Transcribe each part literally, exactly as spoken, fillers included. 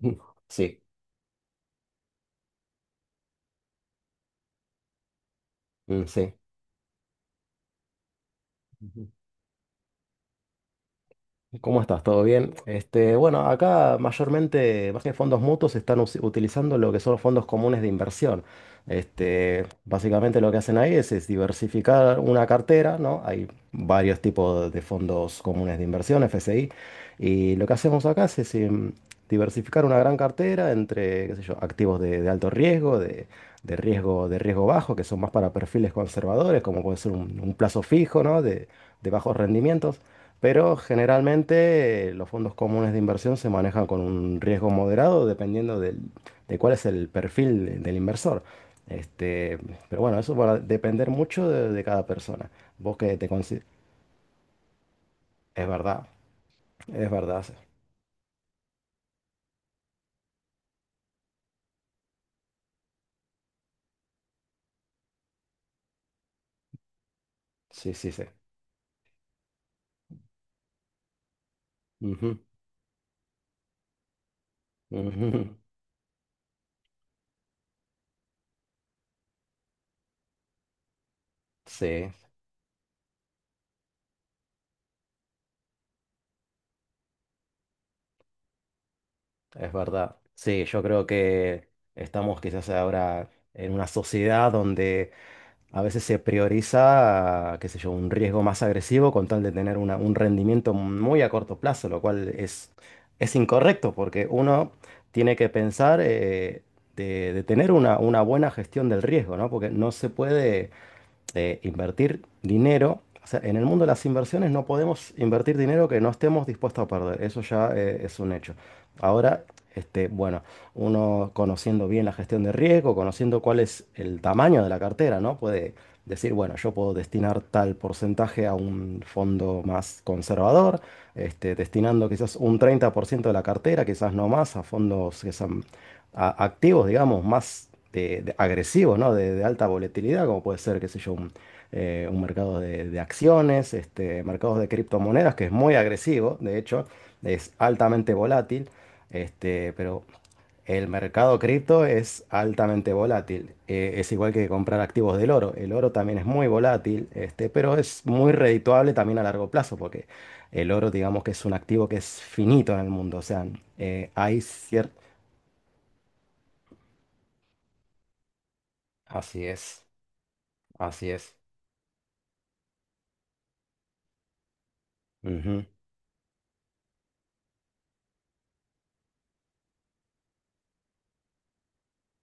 Sí, mm, sí. Ujú. ¿Cómo estás? ¿Todo bien? Este, bueno, acá mayormente, más que fondos mutuos, están us- utilizando lo que son los fondos comunes de inversión. Este, básicamente lo que hacen ahí es, es diversificar una cartera, ¿no? Hay varios tipos de fondos comunes de inversión, F S I, y lo que hacemos acá es, es, em, diversificar una gran cartera entre, qué sé yo, activos de, de alto riesgo, de, de riesgo, de riesgo bajo, que son más para perfiles conservadores, como puede ser un, un plazo fijo, ¿no? De, de bajos rendimientos. Pero generalmente eh, los fondos comunes de inversión se manejan con un riesgo moderado dependiendo del- de cuál es el perfil de- del inversor. Este, pero bueno, eso va a depender mucho de, de cada persona. Vos que te consi-. Es verdad, es verdad. Sí, sí, sí, sí. Ujú, ujú. Sí, es verdad. Sí, yo creo que estamos quizás ahora en una sociedad donde a veces se prioriza, qué sé yo, un riesgo más agresivo con tal de tener una- un rendimiento muy a corto plazo, lo cual es, es incorrecto porque uno tiene que pensar eh, de, de tener una, una buena gestión del riesgo, ¿no? Porque no se puede de invertir dinero. O sea, en el mundo de las inversiones no podemos invertir dinero que no estemos dispuestos a perder. Eso ya eh, es un hecho. Ahora, este, bueno, uno conociendo bien la gestión de riesgo, conociendo cuál es el tamaño de la cartera, ¿no? Puede decir, bueno, yo puedo destinar tal porcentaje a un fondo más conservador, este, destinando quizás un treinta por ciento de la cartera, quizás no más, a fondos que sean a- activos, digamos, más de- de agresivos, ¿no? De, de alta volatilidad, como puede ser, qué sé yo, un, eh, un mercado de, de acciones, este, mercados de criptomonedas, que es muy agresivo, de hecho, es altamente volátil, este, pero el mercado cripto es altamente volátil. eh, es igual que comprar activos del oro. El oro también es muy volátil, este, pero es muy redituable también a largo plazo, porque el oro, digamos que es un activo que es finito en el mundo, o sea, eh, hay cierto... Así es. Así es. Ujú.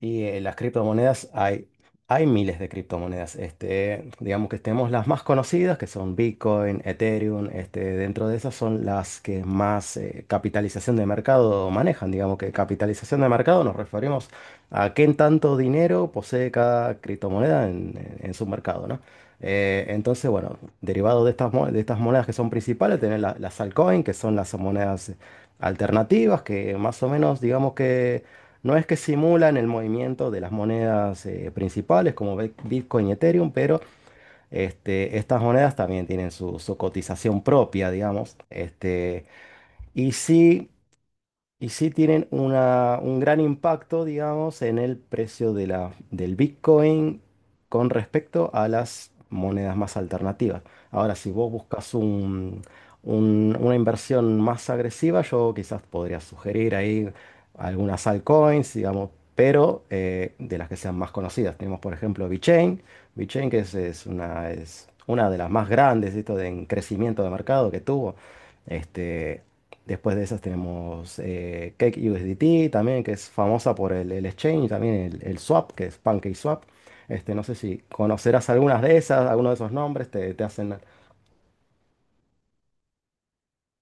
Y eh, las criptomonedas, hay, hay miles de criptomonedas. Este, digamos que tenemos las más conocidas, que son Bitcoin, Ethereum. Este, dentro de esas son las que más eh, capitalización de mercado manejan. Digamos que capitalización de mercado nos referimos a qué tanto dinero posee cada criptomoneda en, en- en su mercado, ¿no? Eh, entonces, bueno, derivado de estas, mo- de estas monedas que son principales, tenemos la- las altcoins, que son las monedas alternativas, que más o menos, digamos que... No es que simulan el movimiento de las monedas eh, principales como Bit- Bitcoin y Ethereum, pero este, estas monedas también tienen su, su cotización propia, digamos. Este, y sí, y sí tienen una- un gran impacto, digamos, en el precio de la, del Bitcoin con respecto a las monedas más alternativas. Ahora, si vos buscas un- un- una inversión más agresiva, yo quizás podría sugerir ahí algunas altcoins, digamos, pero eh, de las que sean más conocidas. Tenemos, por ejemplo, VeChain. VeChain, que es, es una, es una de las más grandes, esto de en crecimiento de mercado que tuvo. Este, Después de esas tenemos eh, Cake U S D T también, que es famosa por el, el exchange, también el, el swap, que es PancakeSwap. Este, no sé si conocerás algunas de esas, algunos de esos nombres, te, te hacen.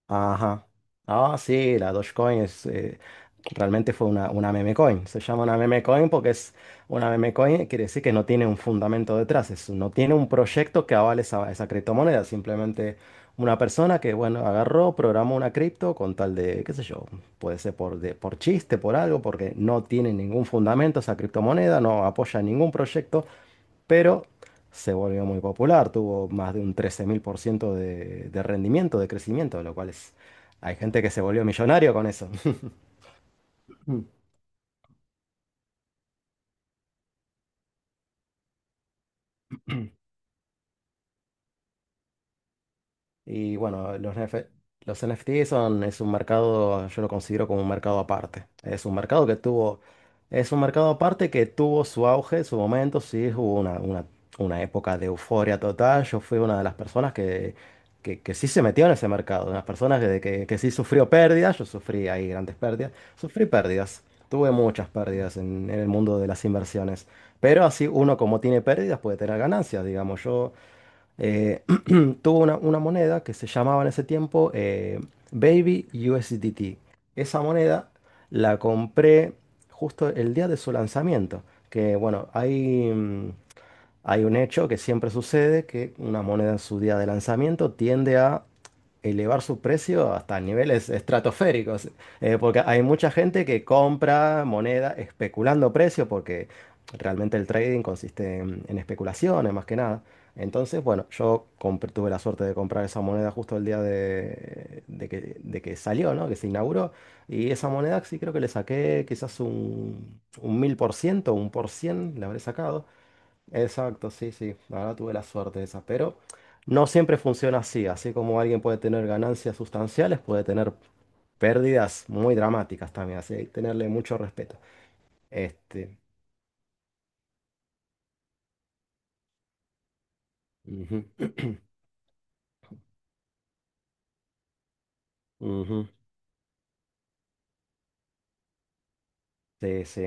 Ajá. Ah, sí, la Dogecoin es, eh, realmente fue una, una meme coin. Se llama una meme coin porque es una meme coin, quiere decir que no tiene un fundamento detrás, es- no tiene un proyecto que avale esa, esa criptomoneda, simplemente una persona que, bueno, agarró, programó una cripto con tal de, qué sé yo, puede ser por, de- por chiste, por algo, porque no tiene ningún fundamento esa criptomoneda, no apoya ningún proyecto, pero se volvió muy popular, tuvo más de un trece mil por ciento de, de rendimiento, de crecimiento, lo cual es... Hay gente que se volvió millonario con eso. Y bueno, los, N F los N F T son, es un mercado, yo lo considero como un mercado aparte. Es un mercado que tuvo, es un mercado aparte que tuvo su auge, su momento, sí, hubo una, una, una época de euforia total. Yo fui una de las personas que, que, que sí se metió en ese mercado, de las personas que, que, que sí sufrió pérdidas, yo sufrí ahí grandes pérdidas, sufrí pérdidas. Tuve muchas pérdidas en, en el mundo de las inversiones. Pero así uno como tiene pérdidas puede tener ganancias, digamos. Yo eh, tuvo una, una moneda que se llamaba en ese tiempo eh, Baby U S D T. Esa moneda la compré justo el día de su lanzamiento, que bueno, hay... mm, hay un hecho que siempre sucede, que una moneda en su día de lanzamiento tiende a elevar su precio hasta niveles estratosféricos, eh, porque hay mucha gente que compra moneda especulando precio, porque realmente el trading consiste en, en especulaciones más que nada. Entonces, bueno, yo compré- tuve la suerte de comprar esa moneda justo el día de, de que, de que salió, ¿no? Que se inauguró. Y esa moneda sí creo que le saqué quizás un, un mil por ciento, un por cien, le habré sacado. Exacto, sí, sí, la verdad tuve la suerte esa, pero no siempre funciona así, así como alguien puede tener ganancias sustanciales, puede tener pérdidas muy dramáticas también, así que hay que tenerle mucho respeto. Este, ujú, ujú, sí, sí.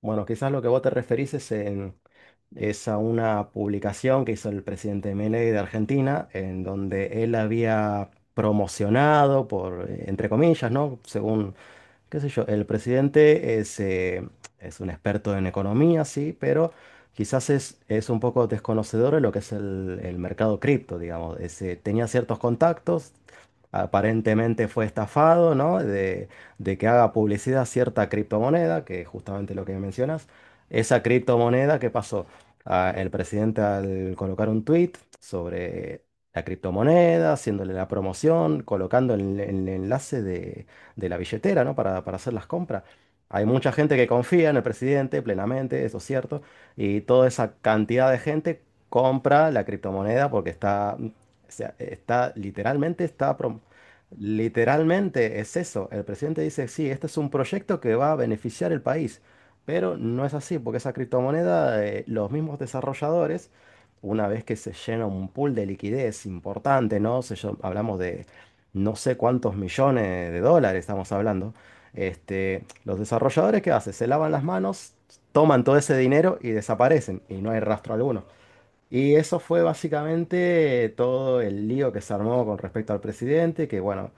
Bueno, quizás lo que vos te referís es, en- es a una publicación que hizo el presidente Milei de Argentina, en donde él había promocionado, por, eh, entre comillas, ¿no? Según qué sé yo, el presidente es, eh, es un experto en economía, sí, pero quizás es, es un poco desconocedor de lo que es el, el mercado cripto, digamos. Es, eh, tenía ciertos contactos, aparentemente fue estafado, ¿no? De, de que haga publicidad cierta criptomoneda, que es justamente lo que mencionas. Esa criptomoneda, ¿qué pasó? Ah, el presidente al colocar un tweet sobre la criptomoneda, haciéndole la promoción, colocando el, el enlace de, de la billetera, ¿no? Para, para hacer las compras. Hay mucha gente que confía en el presidente plenamente, eso es cierto, y toda esa cantidad de gente compra la criptomoneda porque está, o sea, está literalmente, está prom- literalmente es eso. El presidente dice, sí, este es un proyecto que va a beneficiar el país, pero no es así, porque esa criptomoneda, eh, los mismos desarrolladores, una vez que se llena un pool de liquidez importante, ¿no? Se llo- hablamos de no sé cuántos millones de dólares estamos hablando. Este, los desarrolladores, ¿qué hacen? Se lavan las manos, toman todo ese dinero y desaparecen, y no hay rastro alguno. Y eso fue básicamente todo el lío que se armó con respecto al presidente, que bueno,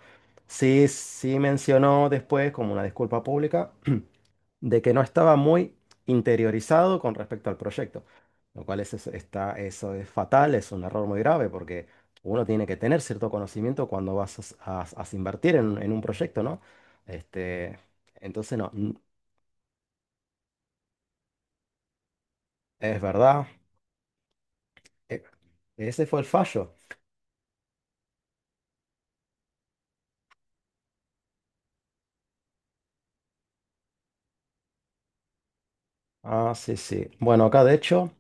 sí, sí mencionó después como una disculpa pública de que no estaba muy interiorizado con respecto al proyecto, lo cual es, es- está, eso es fatal, es un error muy grave porque uno tiene que tener cierto conocimiento cuando vas a, a- a invertir en, en un proyecto, ¿no? Este, entonces no, n- es verdad, e- ese fue el fallo. Ah, sí, sí. Bueno, acá de hecho...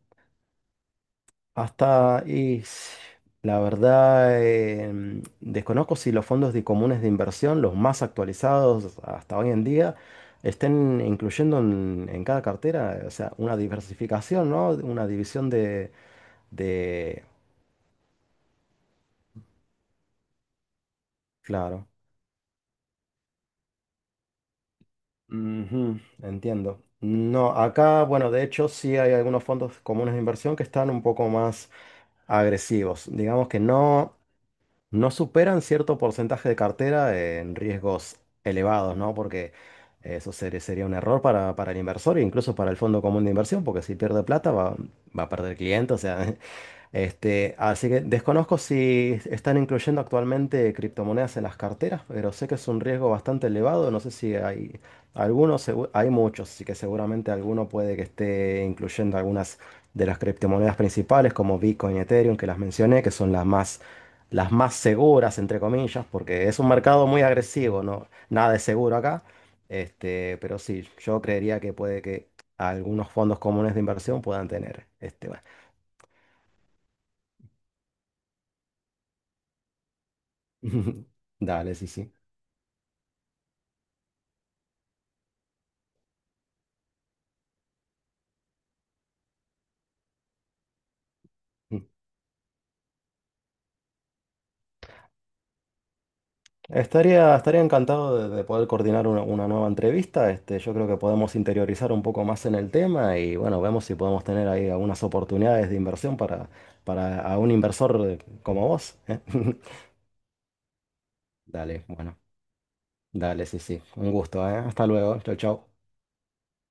Hasta, y s- la verdad, em, desconozco si los fondos de comunes de inversión, los más actualizados hasta hoy en día, estén incluyendo en, en cada cartera, eh, o sea, una diversificación, ¿no? Una división de, de- Claro. Ujú, entiendo. No, acá, bueno, de hecho sí hay algunos fondos comunes de inversión que están un poco más agresivos. Digamos que no, no superan cierto porcentaje de cartera en riesgos elevados, ¿no? Porque eh, eso sería, sería un error para, para el inversor e incluso para el fondo común de inversión, porque si pierde plata va, va a perder clientes, o sea, Este, así que desconozco si están incluyendo actualmente criptomonedas en las carteras, pero sé que es un riesgo bastante elevado. No sé si hay algunos, segu- hay muchos, así que seguramente alguno puede que esté incluyendo algunas de las criptomonedas principales como Bitcoin y Ethereum que las mencioné, que son las más, las más seguras, entre comillas, porque es un mercado muy agresivo, ¿no? Nada es seguro acá. Este, pero sí, yo creería que puede que algunos fondos comunes de inversión puedan tener este, bueno, Dale, sí, sí. Mm. Estaría, estaría encantado de, de poder coordinar una, una nueva entrevista. Este, yo creo que podemos interiorizar un poco más en el tema y bueno, vemos si podemos tener ahí algunas oportunidades de inversión para, para a un inversor eh, como vos, ¿eh? Dale, bueno, dale, sí, sí. Un gusto, ¿eh? Hasta luego. Chau, chau.